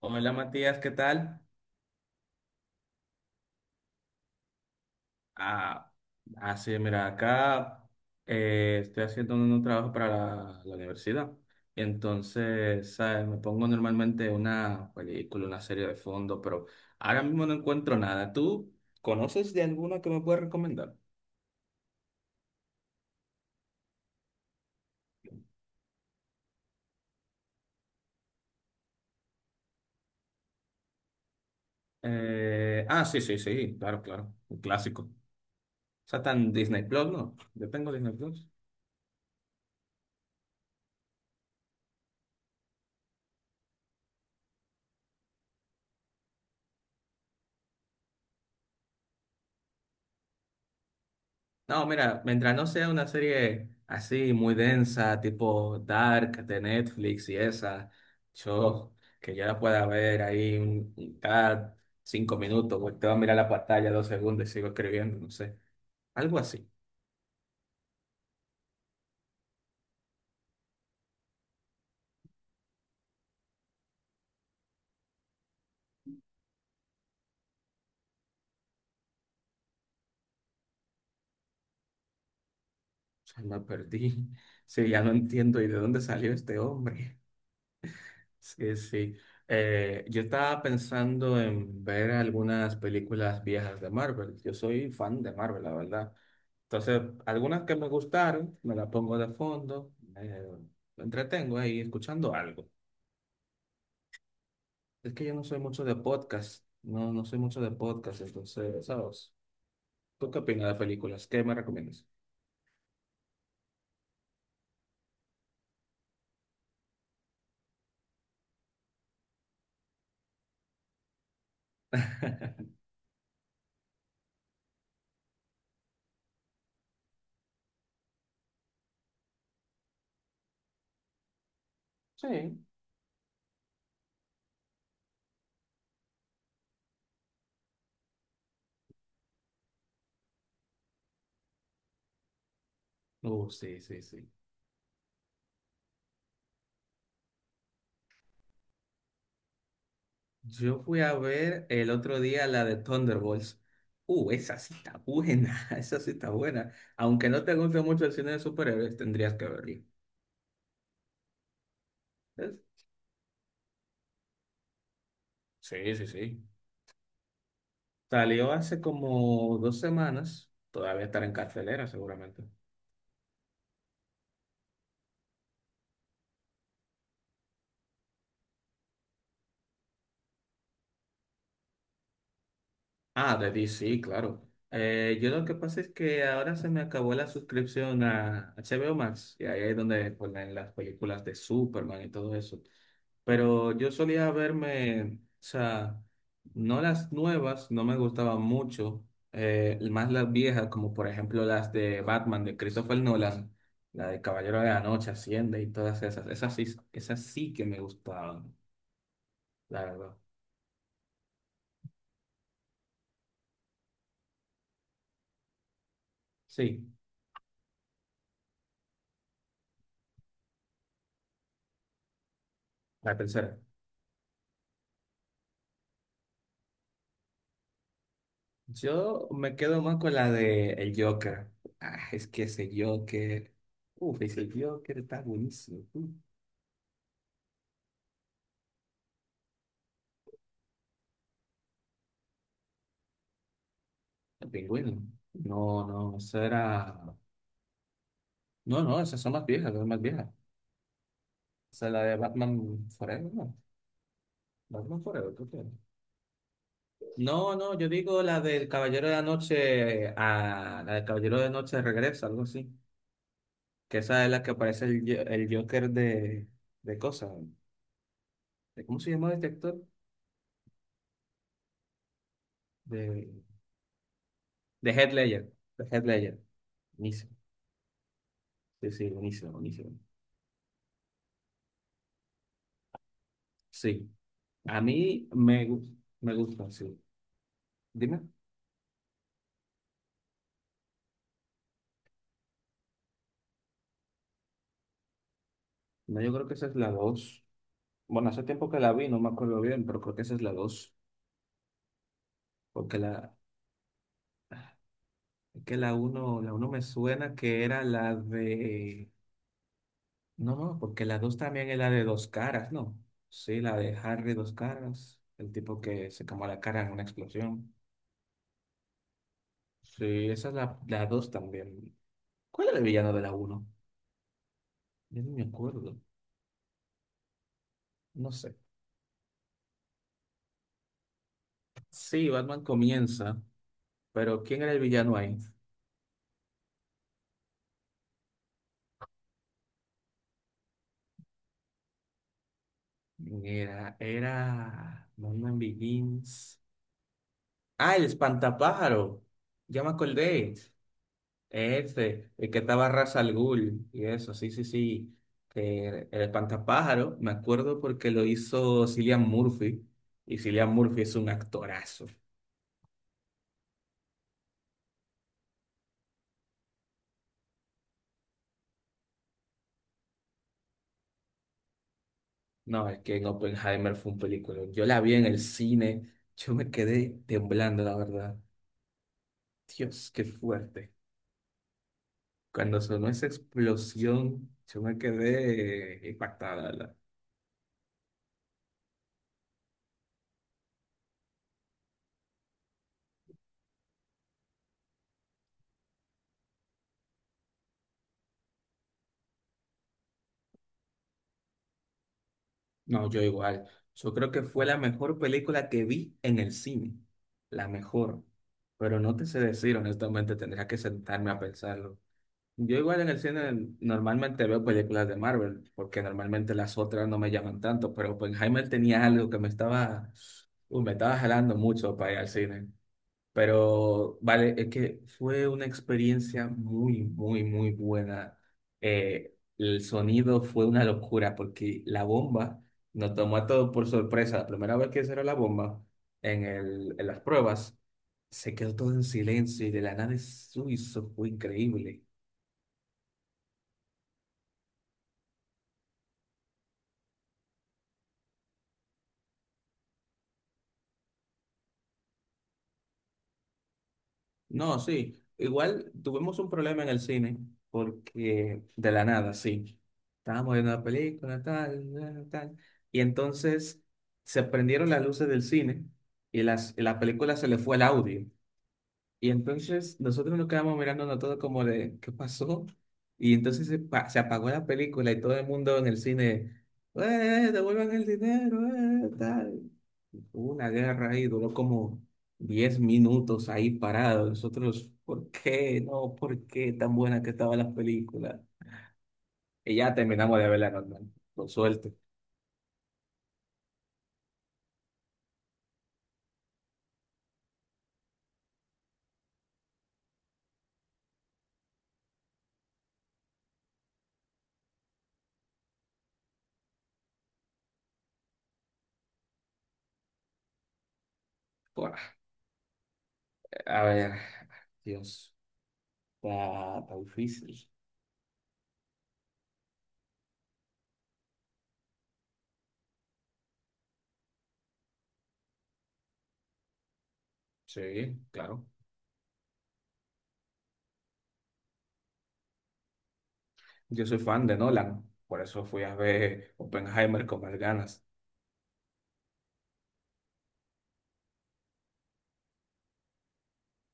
Hola Matías, ¿qué tal? Ah, sí, mira, acá estoy haciendo un trabajo para la universidad. Y entonces, ¿sabes? Me pongo normalmente una película, una serie de fondo, pero ahora mismo no encuentro nada. ¿Tú conoces de alguna que me puedas recomendar? Sí, sí, sí, claro, claro. Un clásico. O sea, está en Disney Plus, ¿no? Yo tengo Disney Plus. No, mira, mientras no sea una serie así muy densa, tipo Dark de Netflix y esa, yo que yo la pueda ver ahí cada 5 minutos, pues te va a mirar la pantalla 2 segundos y sigo escribiendo, no sé, algo así. O sea, me perdí. Sí, ya no entiendo y de dónde salió este hombre. Sí, sí. Yo estaba pensando en ver algunas películas viejas de Marvel. Yo soy fan de Marvel, la verdad. Entonces, algunas que me gustaron, me las pongo de fondo, me entretengo ahí escuchando algo. Es que yo no soy mucho de podcast, no soy mucho de podcast, entonces, ¿sabes? ¿Tú qué opinas de películas? ¿Qué me recomiendas? Sí. Sí, sí, sí. Yo fui a ver el otro día la de Thunderbolts. Esa sí está buena, esa sí está buena. Aunque no te guste mucho el cine de superhéroes, tendrías que verla. ¿Ves? Sí, sí, sí. Salió hace como 2 semanas, todavía estará en cartelera seguramente. Ah, de DC, claro. Yo lo que pasa es que ahora se me acabó la suscripción a HBO Max y ahí es donde ponen las películas de Superman y todo eso. Pero yo solía verme, o sea, no las nuevas, no me gustaban mucho, más las viejas, como por ejemplo las de Batman de Christopher Nolan, la de Caballero de la Noche, Hacienda y todas esas. Esas sí que me gustaban, la verdad. Sí, la tercera. Yo me quedo más con la de el Joker. Ah, es que ese Joker. Uf, ese Joker está buenísimo. El pingüino. No, no, eso era. No, no, esas son más viejas, son más viejas. O sea, la de Batman Forever, ¿no? Batman Forever, ¿tú quieres? No, no, yo digo la del Caballero de la Noche. A la del Caballero de la Noche regresa, algo así. Que esa es la que aparece el, el Joker de. De cosas. ¿Cómo se llama este actor? De. De Heath Ledger. De Heath Ledger. Buenísimo. Sí, sí, buenísimo, buenísimo. Sí, a mí me gusta, sí. Dime. No, yo creo que esa es la dos. Bueno, hace tiempo que la vi, no me acuerdo bien, pero creo que esa es la dos. Porque la, que la uno me suena que era la de... No, no, porque la dos también es la de dos caras, ¿no? Sí, la de Harry dos caras, el tipo que se quemó la cara en una explosión. Sí, esa es la dos también. ¿Cuál era el villano de la uno? Yo no me acuerdo. No sé. Sí, Batman comienza, pero ¿quién era el villano ahí? Era Batman Begins. Ah, el espantapájaro. Ya me acordé. Ese, el que estaba Ra's al Ghul y eso, sí, sí, sí. Que el espantapájaro, me acuerdo porque lo hizo Cillian Murphy. Y Cillian Murphy es un actorazo. No, es que en Oppenheimer fue un película. Yo la vi en el cine, yo me quedé temblando, la verdad. Dios, qué fuerte. Cuando sonó esa explosión, yo me quedé impactada. No, yo igual. Yo creo que fue la mejor película que vi en el cine. La mejor. Pero no te sé decir, honestamente, tendría que sentarme a pensarlo. Yo igual en el cine normalmente veo películas de Marvel, porque normalmente las otras no me llaman tanto, pero Oppenheimer tenía algo que me estaba, uy, me estaba jalando mucho para ir al cine. Pero vale, es que fue una experiencia muy, muy, muy buena. El sonido fue una locura porque la bomba nos tomó a todos por sorpresa. La primera vez que cerró la bomba en las pruebas, se quedó todo en silencio y de la nada eso fue increíble. No, sí. Igual tuvimos un problema en el cine, porque de la nada, sí. Estábamos viendo la película, tal, tal, tal. Y entonces se prendieron las luces del cine y y la película se le fue el audio. Y entonces nosotros nos quedamos mirándonos todo como de, ¿qué pasó? Y entonces se apagó la película y todo el mundo en el cine, ¡eh, devuelvan el dinero, tal! Hubo una guerra ahí, duró como 10 minutos ahí parado. Nosotros, ¿por qué? No, ¿por qué tan buena que estaba la película? Y ya terminamos de verla normal, con suerte. Buah, a ver, Dios, está difícil. Sí, claro. Yo soy fan de Nolan, por eso fui a ver Oppenheimer con más ganas.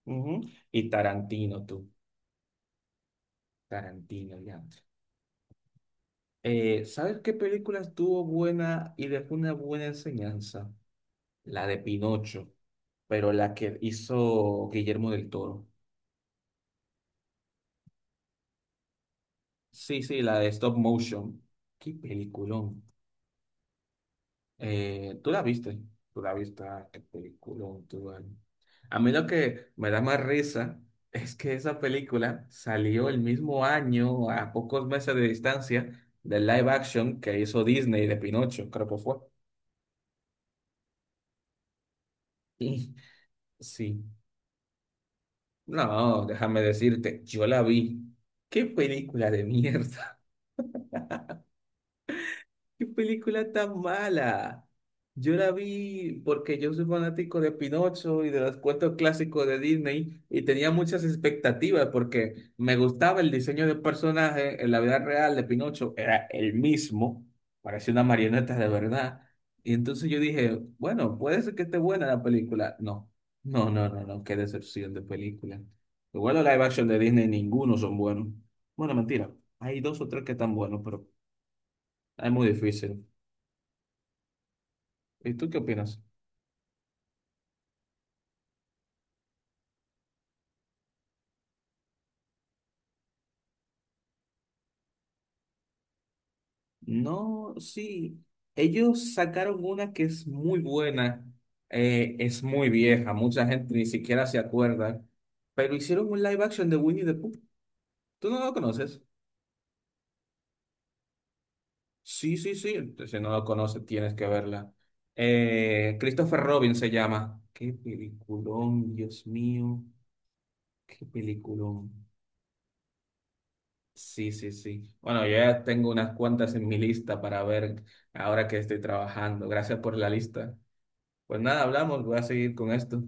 Ujú. Y Tarantino, tú. Tarantino, ya. ¿Sabes qué película estuvo buena y dejó una buena enseñanza? La de Pinocho, pero la que hizo Guillermo del Toro. Sí, sí, la de Stop Motion. Qué peliculón. ¿Tú la viste? Tú la viste, ah, qué peliculón, tú, vale. A mí lo que me da más risa es que esa película salió el mismo año, a pocos meses de distancia, del live action que hizo Disney de Pinocho, creo que fue. Y- Sí. No, déjame decirte, yo la vi. Qué película de mierda. ¿Qué película tan mala? Yo la vi porque yo soy fanático de Pinocho y de los cuentos clásicos de Disney y tenía muchas expectativas porque me gustaba el diseño de personaje en la vida real de Pinocho, era el mismo, parecía una marioneta de verdad. Y entonces yo dije, bueno, puede ser que esté buena la película. No, no, qué decepción de película. Igual los live action de Disney, ninguno son buenos. Bueno, mentira, hay dos o tres que están buenos, pero es muy difícil. ¿Y tú qué opinas? No, sí. Ellos sacaron una que es muy buena, es muy vieja, mucha gente ni siquiera se acuerda, pero hicieron un live action de Winnie the Pooh. ¿Tú no lo conoces? Sí, sí, sí. Si no lo conoces, tienes que verla. Christopher Robin se llama. Qué peliculón, Dios mío. Qué peliculón. Sí, sí, sí. Bueno, yo ya tengo unas cuantas en mi lista para ver ahora que estoy trabajando. Gracias por la lista. Pues nada, hablamos, voy a seguir con esto.